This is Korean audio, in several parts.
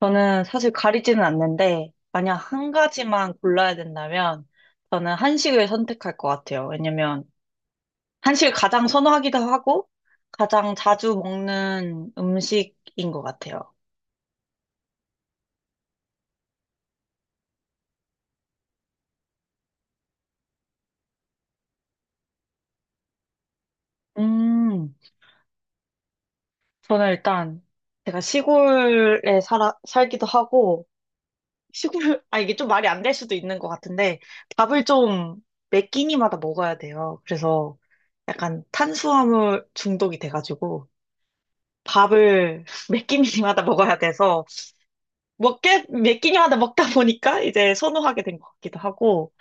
저는 사실 가리지는 않는데, 만약 한 가지만 골라야 된다면, 저는 한식을 선택할 것 같아요. 왜냐면, 한식을 가장 선호하기도 하고, 가장 자주 먹는 음식인 것 같아요. 음, 저는 일단, 제가 시골에 살기도 하고, 시골, 아, 이게 좀 말이 안 될 수도 있는 것 같은데, 밥을 좀 매 끼니마다 먹어야 돼요. 그래서 약간 탄수화물 중독이 돼가지고, 밥을 몇 끼니마다 먹어야 돼서 먹게 몇 끼니마다 먹다 보니까 이제 선호하게 된 것 같기도 하고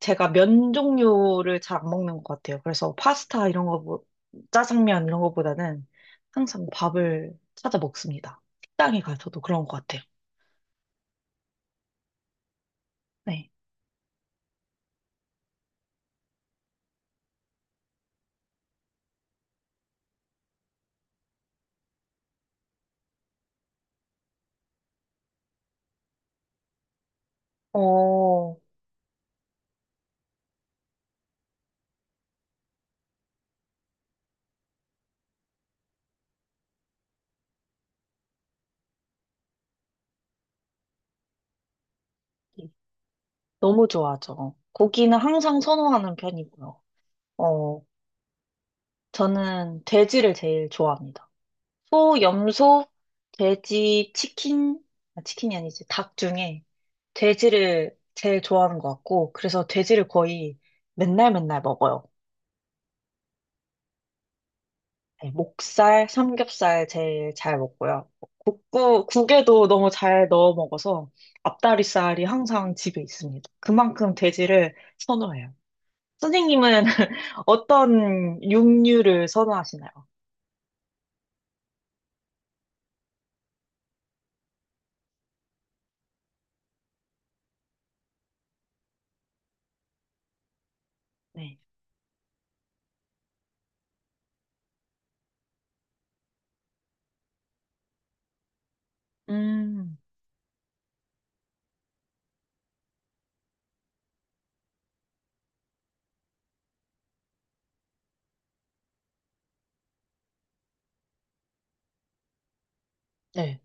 제가 면 종류를 잘 안 먹는 것 같아요. 그래서 파스타 이런 거 뭐, 짜장면 이런 거보다는 항상 밥을 찾아 먹습니다. 식당에 가서도 그런 것 같아요. 네. 어, 너무 좋아하죠. 고기는 항상 선호하는 편이고요. 어, 저는 돼지를 제일 좋아합니다. 소, 염소, 돼지, 치킨, 아, 치킨이 아니지, 닭 중에 돼지를 제일 좋아하는 것 같고, 그래서 돼지를 거의 맨날 맨날 먹어요. 네, 목살, 삼겹살 제일 잘 먹고요. 국에도 너무 잘 넣어 먹어서 앞다리살이 항상 집에 있습니다. 그만큼 돼지를 선호해요. 선생님은 어떤 육류를 선호하시나요? 네. 음, 네.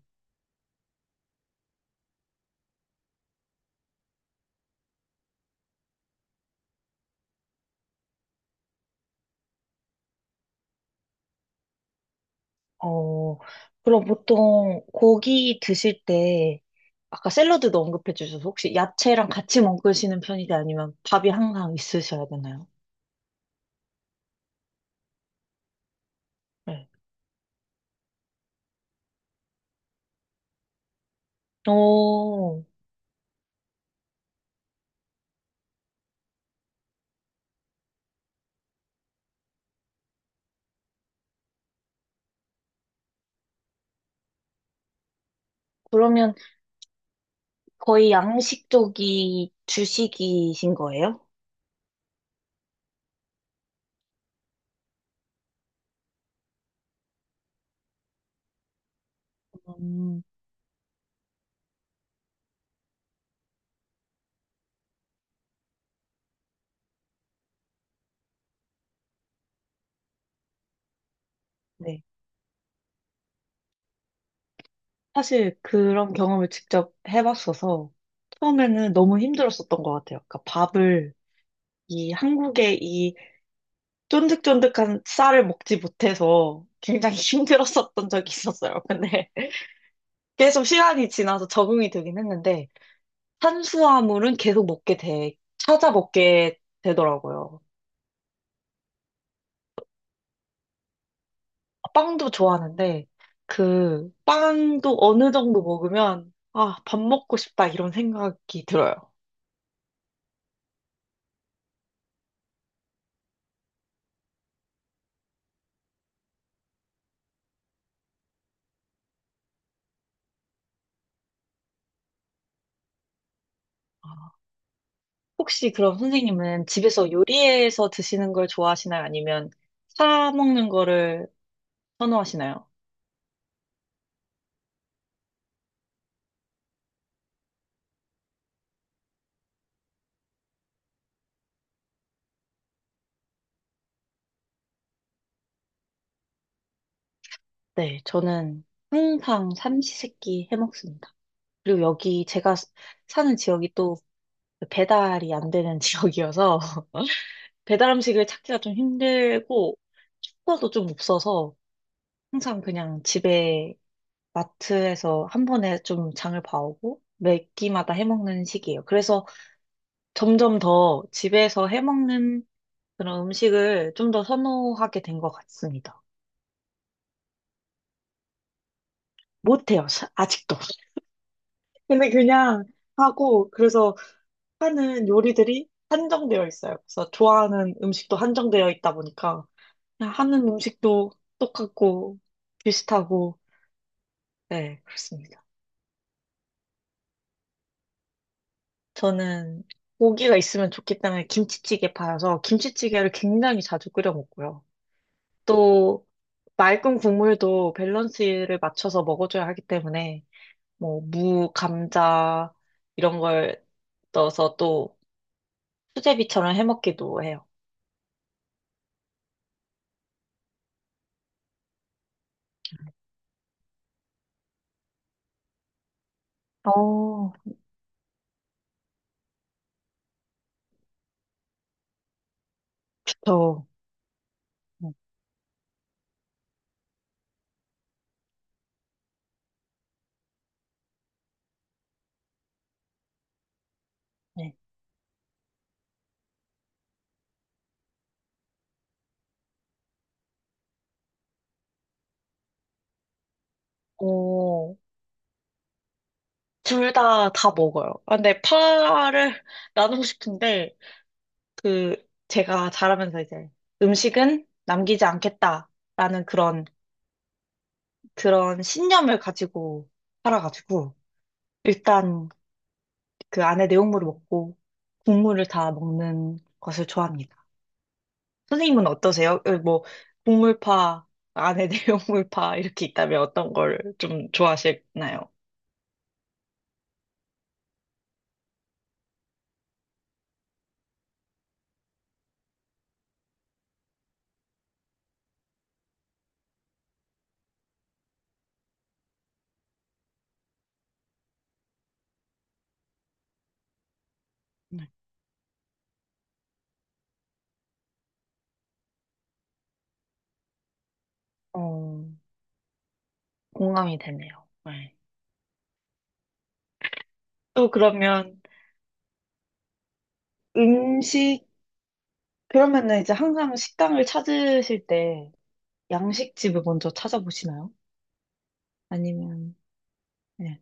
어, 그럼 보통 고기 드실 때, 아까 샐러드도 언급해 주셔서 혹시 야채랑 같이 먹으시는 편이지 아니면 밥이 항상 있으셔야 되나요? 네. 어, 그러면 거의 양식 쪽이 주식이신 거예요? 음, 네. 사실 그런 경험을 직접 해봤어서 처음에는 너무 힘들었었던 것 같아요. 그러니까 밥을 이 한국의 이 쫀득쫀득한 쌀을 먹지 못해서 굉장히 힘들었었던 적이 있었어요. 근데 계속 시간이 지나서 적응이 되긴 했는데 탄수화물은 계속 먹게 돼, 찾아 먹게 되더라고요. 빵도 좋아하는데 그 빵도 어느 정도 먹으면 아, 밥 먹고 싶다 이런 생각이 들어요. 아, 혹시 그럼 선생님은 집에서 요리해서 드시는 걸 좋아하시나요? 아니면 사 먹는 거를 선호하시나요? 네, 저는 항상 삼시세끼 해먹습니다. 그리고 여기 사는 지역이 또 배달이 안 되는 지역이어서 배달 음식을 찾기가 좀 힘들고 숙소도 좀 없어서 항상 그냥 집에 마트에서 한 번에 좀 장을 봐오고 매 끼마다 해먹는 식이에요. 그래서 점점 더 집에서 해먹는 그런 음식을 좀 더 선호하게 된 것 같습니다. 못해요, 아직도. 근데 그냥 하고, 그래서 하는 요리들이 한정되어 있어요. 그래서 좋아하는 음식도 한정되어 있다 보니까 그냥 하는 음식도 똑같고 비슷하고 네, 그렇습니다. 저는 고기가 있으면 좋기 때문에 김치찌개 팔아서 김치찌개를 굉장히 자주 끓여 먹고요. 또 맑은 국물도 밸런스를 맞춰서 먹어줘야 하기 때문에 뭐 무, 감자 이런 걸 넣어서 또 수제비처럼 해먹기도 해요. 어, 저 네. 어, 둘 다 먹어요. 아, 근데 파를 나누고 싶은데, 그, 제가 자라면서 이제 음식은 남기지 않겠다라는 그런, 그런 신념을 가지고 살아가지고, 일단 그 안에 내용물을 먹고, 국물을 다 먹는 것을 좋아합니다. 선생님은 어떠세요? 어, 뭐, 국물파, 안에 내용물파 이렇게 있다면 어떤 걸 좀 좋아하시나요? 네. 어, 공감이 되네요. 네. 또 그러면, 음식, 그러면은 이제 항상 식당을 찾으실 때 양식집을 먼저 찾아보시나요? 아니면, 네.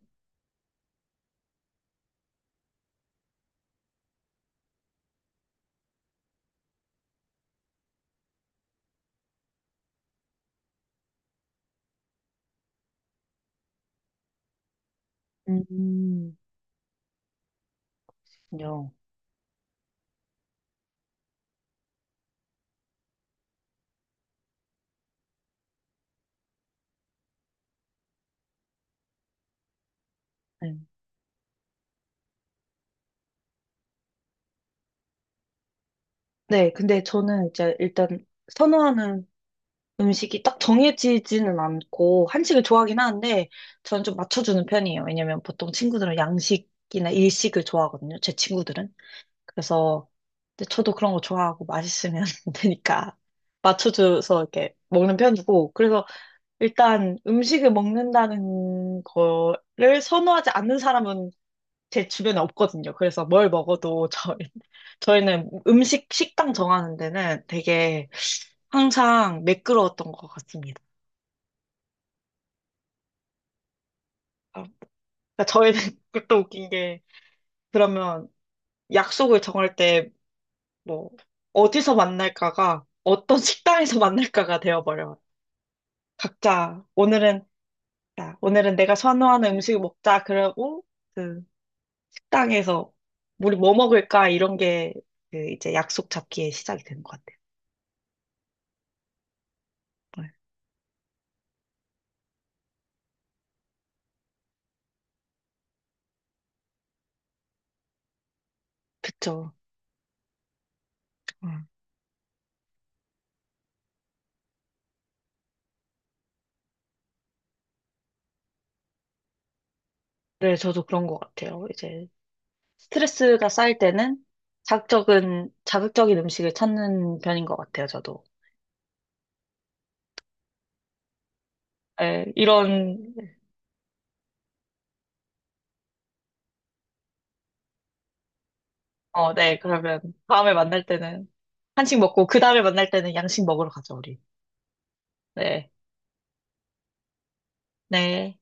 음, 요. 네. 네, 근데 저는 이제 일단 선호하는 음식이 딱 정해지지는 않고 한식을 좋아하긴 하는데 저는 좀 맞춰주는 편이에요. 왜냐면 보통 친구들은 양식이나 일식을 좋아하거든요. 제 친구들은. 그래서 근데 저도 그런 거 좋아하고 맛있으면 되니까 맞춰줘서 이렇게 먹는 편이고 그래서 일단 음식을 먹는다는 거를 선호하지 않는 사람은 제 주변에 없거든요. 그래서 뭘 먹어도 저희, 저희는 음식 식당 정하는 데는 되게 항상 매끄러웠던 것 같습니다. 아, 그러니까 저희는 또 웃긴 게 그러면 약속을 정할 때 뭐 어디서 만날까가 어떤 식당에서 만날까가 되어버려요. 각자 오늘은 야, 오늘은 내가 선호하는 음식을 먹자 그러고 그 식당에서 우리 뭐 먹을까 이런 게 그 이제 약속 잡기에 시작이 되는 것 같아요. 네. 그쵸. 음. 네, 저도 그런 것 같아요. 이제 스트레스가 쌓일 때는 자극적인 음식을 찾는 편인 것 같아요. 저도. 네, 이런 네, 그러면 다음에 만날 때는 한식 먹고 그 다음에 만날 때는 양식 먹으러 가죠, 우리. 네, 네.